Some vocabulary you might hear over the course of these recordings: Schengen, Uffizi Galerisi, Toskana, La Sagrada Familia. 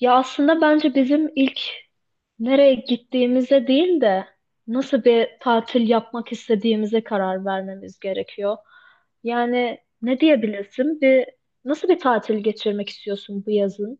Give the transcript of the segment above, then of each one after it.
Ya aslında bence bizim ilk nereye gittiğimize değil de nasıl bir tatil yapmak istediğimize karar vermemiz gerekiyor. Yani ne diyebilirsin? Nasıl bir tatil geçirmek istiyorsun bu yazın?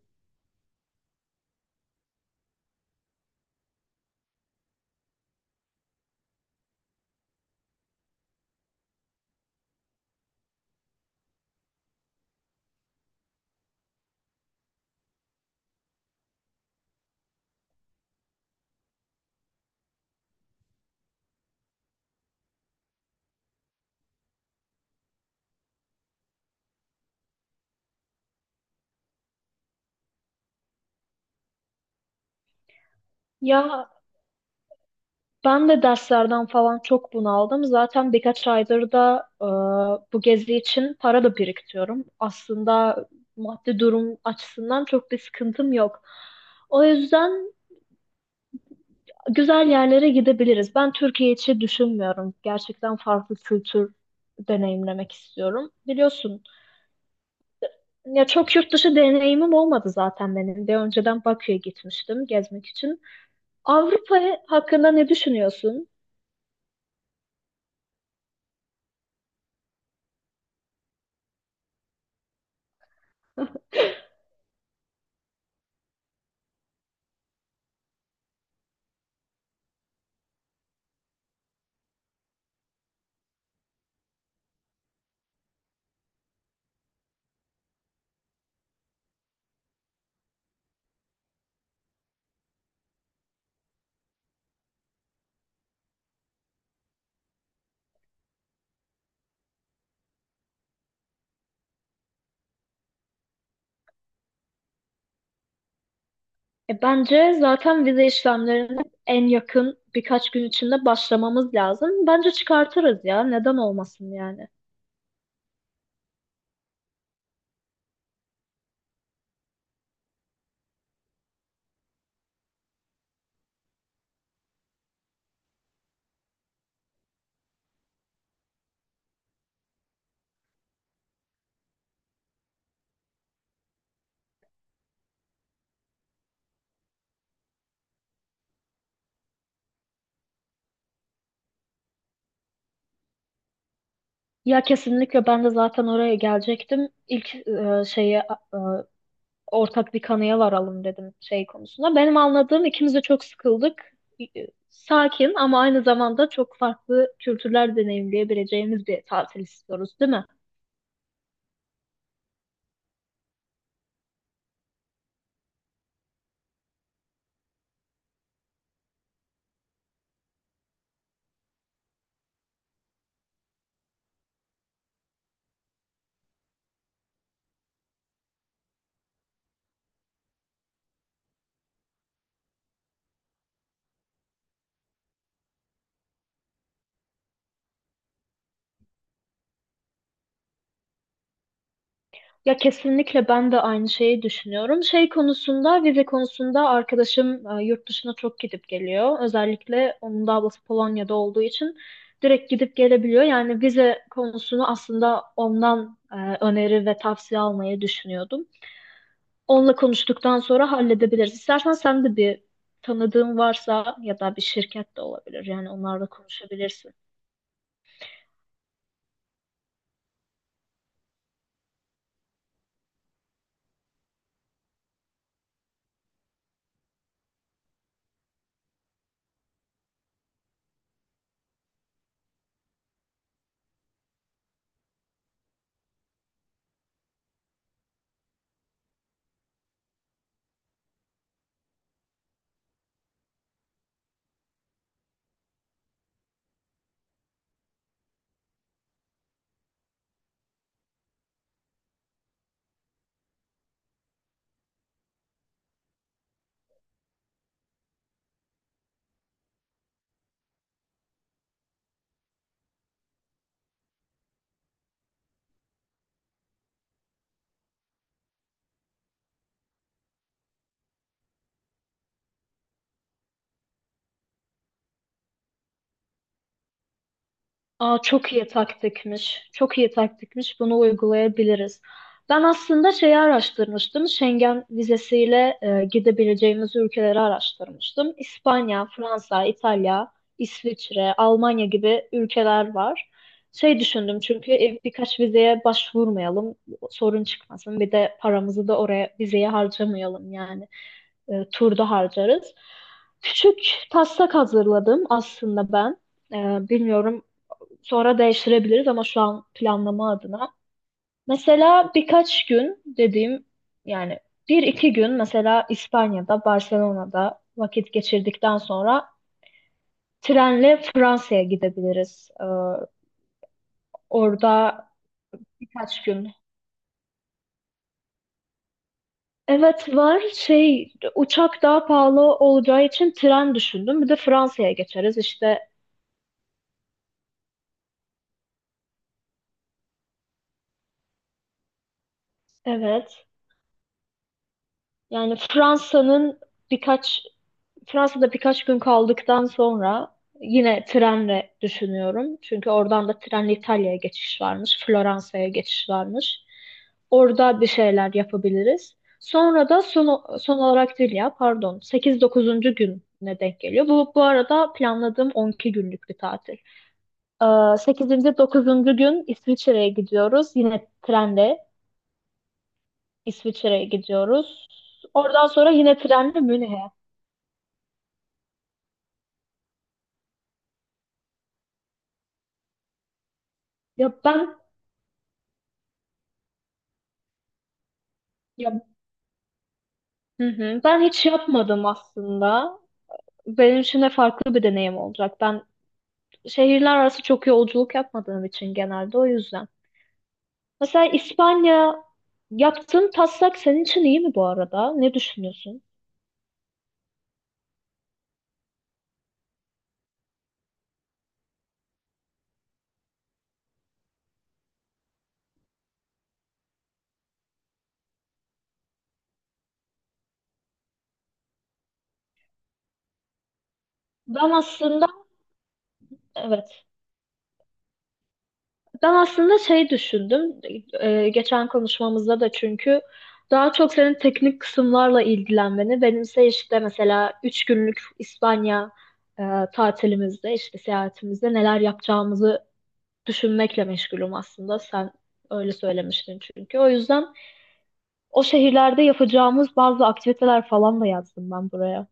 Ya ben de derslerden falan çok bunaldım. Zaten birkaç aydır da bu gezi için para da biriktiriyorum. Aslında maddi durum açısından çok bir sıkıntım yok. O yüzden güzel yerlere gidebiliriz. Ben Türkiye içi düşünmüyorum. Gerçekten farklı kültür deneyimlemek istiyorum. Biliyorsun, ya çok yurt dışı deneyimim olmadı zaten benim de. Önceden Bakü'ye gitmiştim gezmek için. Avrupa hakkında ne düşünüyorsun? Bence zaten vize işlemlerine en yakın birkaç gün içinde başlamamız lazım. Bence çıkartırız ya. Neden olmasın yani? Ya kesinlikle ben de zaten oraya gelecektim. İlk şeyi ortak bir kanıya varalım dedim şey konusunda. Benim anladığım ikimiz de çok sıkıldık. Sakin ama aynı zamanda çok farklı kültürler deneyimleyebileceğimiz bir tatil istiyoruz, değil mi? Ya kesinlikle ben de aynı şeyi düşünüyorum. Şey konusunda, vize konusunda arkadaşım yurt dışına çok gidip geliyor. Özellikle onun da ablası Polonya'da olduğu için direkt gidip gelebiliyor. Yani vize konusunu aslında ondan öneri ve tavsiye almayı düşünüyordum. Onunla konuştuktan sonra halledebiliriz. İstersen sen de bir tanıdığın varsa ya da bir şirket de olabilir. Yani onlarla konuşabilirsin. Aa, çok iyi taktikmiş. Çok iyi taktikmiş. Bunu uygulayabiliriz. Ben aslında şeyi araştırmıştım. Schengen vizesiyle gidebileceğimiz ülkeleri araştırmıştım. İspanya, Fransa, İtalya, İsviçre, Almanya gibi ülkeler var. Şey düşündüm çünkü birkaç vizeye başvurmayalım, sorun çıkmasın. Bir de paramızı da oraya vizeye harcamayalım yani. Turda harcarız. Küçük taslak hazırladım aslında ben. Bilmiyorum, sonra değiştirebiliriz ama şu an planlama adına. Mesela birkaç gün dediğim, yani bir iki gün mesela İspanya'da, Barcelona'da vakit geçirdikten sonra trenle Fransa'ya gidebiliriz. Orada birkaç gün. Evet var, şey, uçak daha pahalı olacağı için tren düşündüm. Bir de Fransa'ya geçeriz işte. Evet. Yani Fransa'nın birkaç Fransa'da birkaç gün kaldıktan sonra yine trenle düşünüyorum. Çünkü oradan da trenle İtalya'ya geçiş varmış, Floransa'ya geçiş varmış. Orada bir şeyler yapabiliriz. Son olarak değil ya, pardon, sekiz dokuzuncu gününe denk geliyor. Bu, bu arada planladığım 12 günlük bir tatil. 8. 9. gün İsviçre'ye gidiyoruz. Yine trenle İsviçre'ye gidiyoruz. Oradan sonra yine trenle Münih'e. Ya ben ya Hı hı. Ben hiç yapmadım aslında. Benim için de farklı bir deneyim olacak. Ben şehirler arası çok yolculuk yapmadığım için genelde o yüzden. Mesela İspanya Yaptığın taslak senin için iyi mi bu arada? Ne düşünüyorsun? Ben aslında Evet. Ben aslında şey düşündüm. Geçen konuşmamızda da çünkü daha çok senin teknik kısımlarla ilgilenmeni, benimse işte mesela 3 günlük İspanya e, tatilimizde, işte seyahatimizde neler yapacağımızı düşünmekle meşgulüm aslında. Sen öyle söylemiştin çünkü. O yüzden o şehirlerde yapacağımız bazı aktiviteler falan da yazdım ben buraya.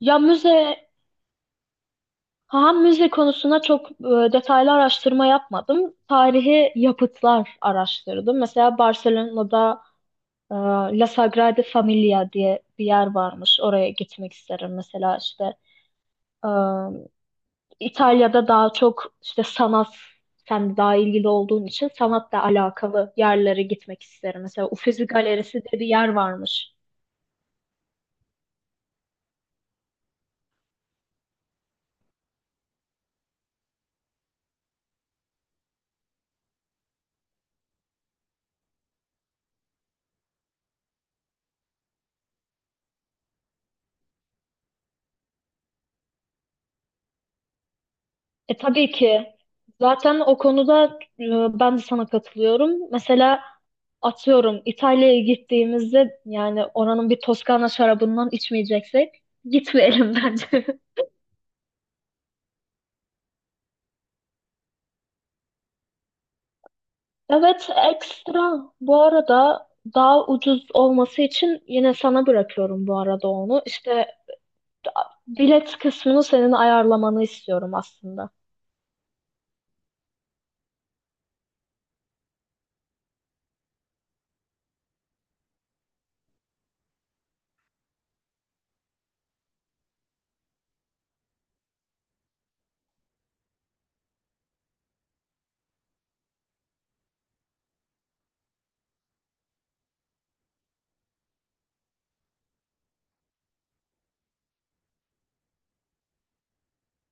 Ya müze, ha, müze konusuna çok detaylı araştırma yapmadım. Tarihi yapıtlar araştırdım. Mesela Barcelona'da e, La Sagrada Familia diye bir yer varmış. Oraya gitmek isterim. Mesela işte e, İtalya'da daha çok işte sanat, sen de daha ilgili olduğun için sanatla alakalı yerlere gitmek isterim. Mesela Uffizi Galerisi diye bir yer varmış. E, tabii ki. Zaten o konuda ben de sana katılıyorum. Mesela atıyorum İtalya'ya gittiğimizde, yani oranın bir Toskana şarabından içmeyeceksek gitmeyelim bence. Evet, ekstra bu arada, daha ucuz olması için yine sana bırakıyorum bu arada onu. İşte bilet kısmını senin ayarlamanı istiyorum aslında.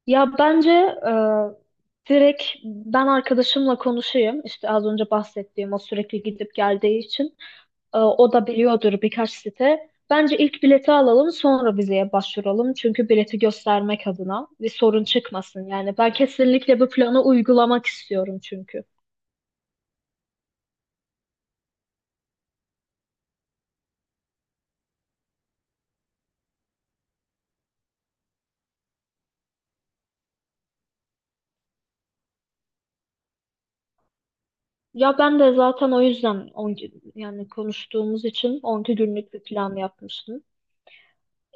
Ya bence e, direkt ben arkadaşımla konuşayım. İşte az önce bahsettiğim, o sürekli gidip geldiği için o da biliyordur birkaç site. Bence ilk bileti alalım sonra vizeye başvuralım. Çünkü bileti göstermek adına bir sorun çıkmasın. Yani ben kesinlikle bu planı uygulamak istiyorum çünkü. Ya ben de zaten o yüzden yani konuştuğumuz için 12 günlük bir plan yapmıştım.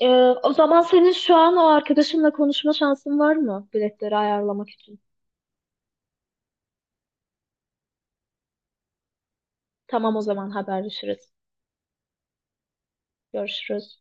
Ee, O zaman senin şu an o arkadaşınla konuşma şansın var mı biletleri ayarlamak için? Tamam, o zaman haberleşiriz. Görüşürüz.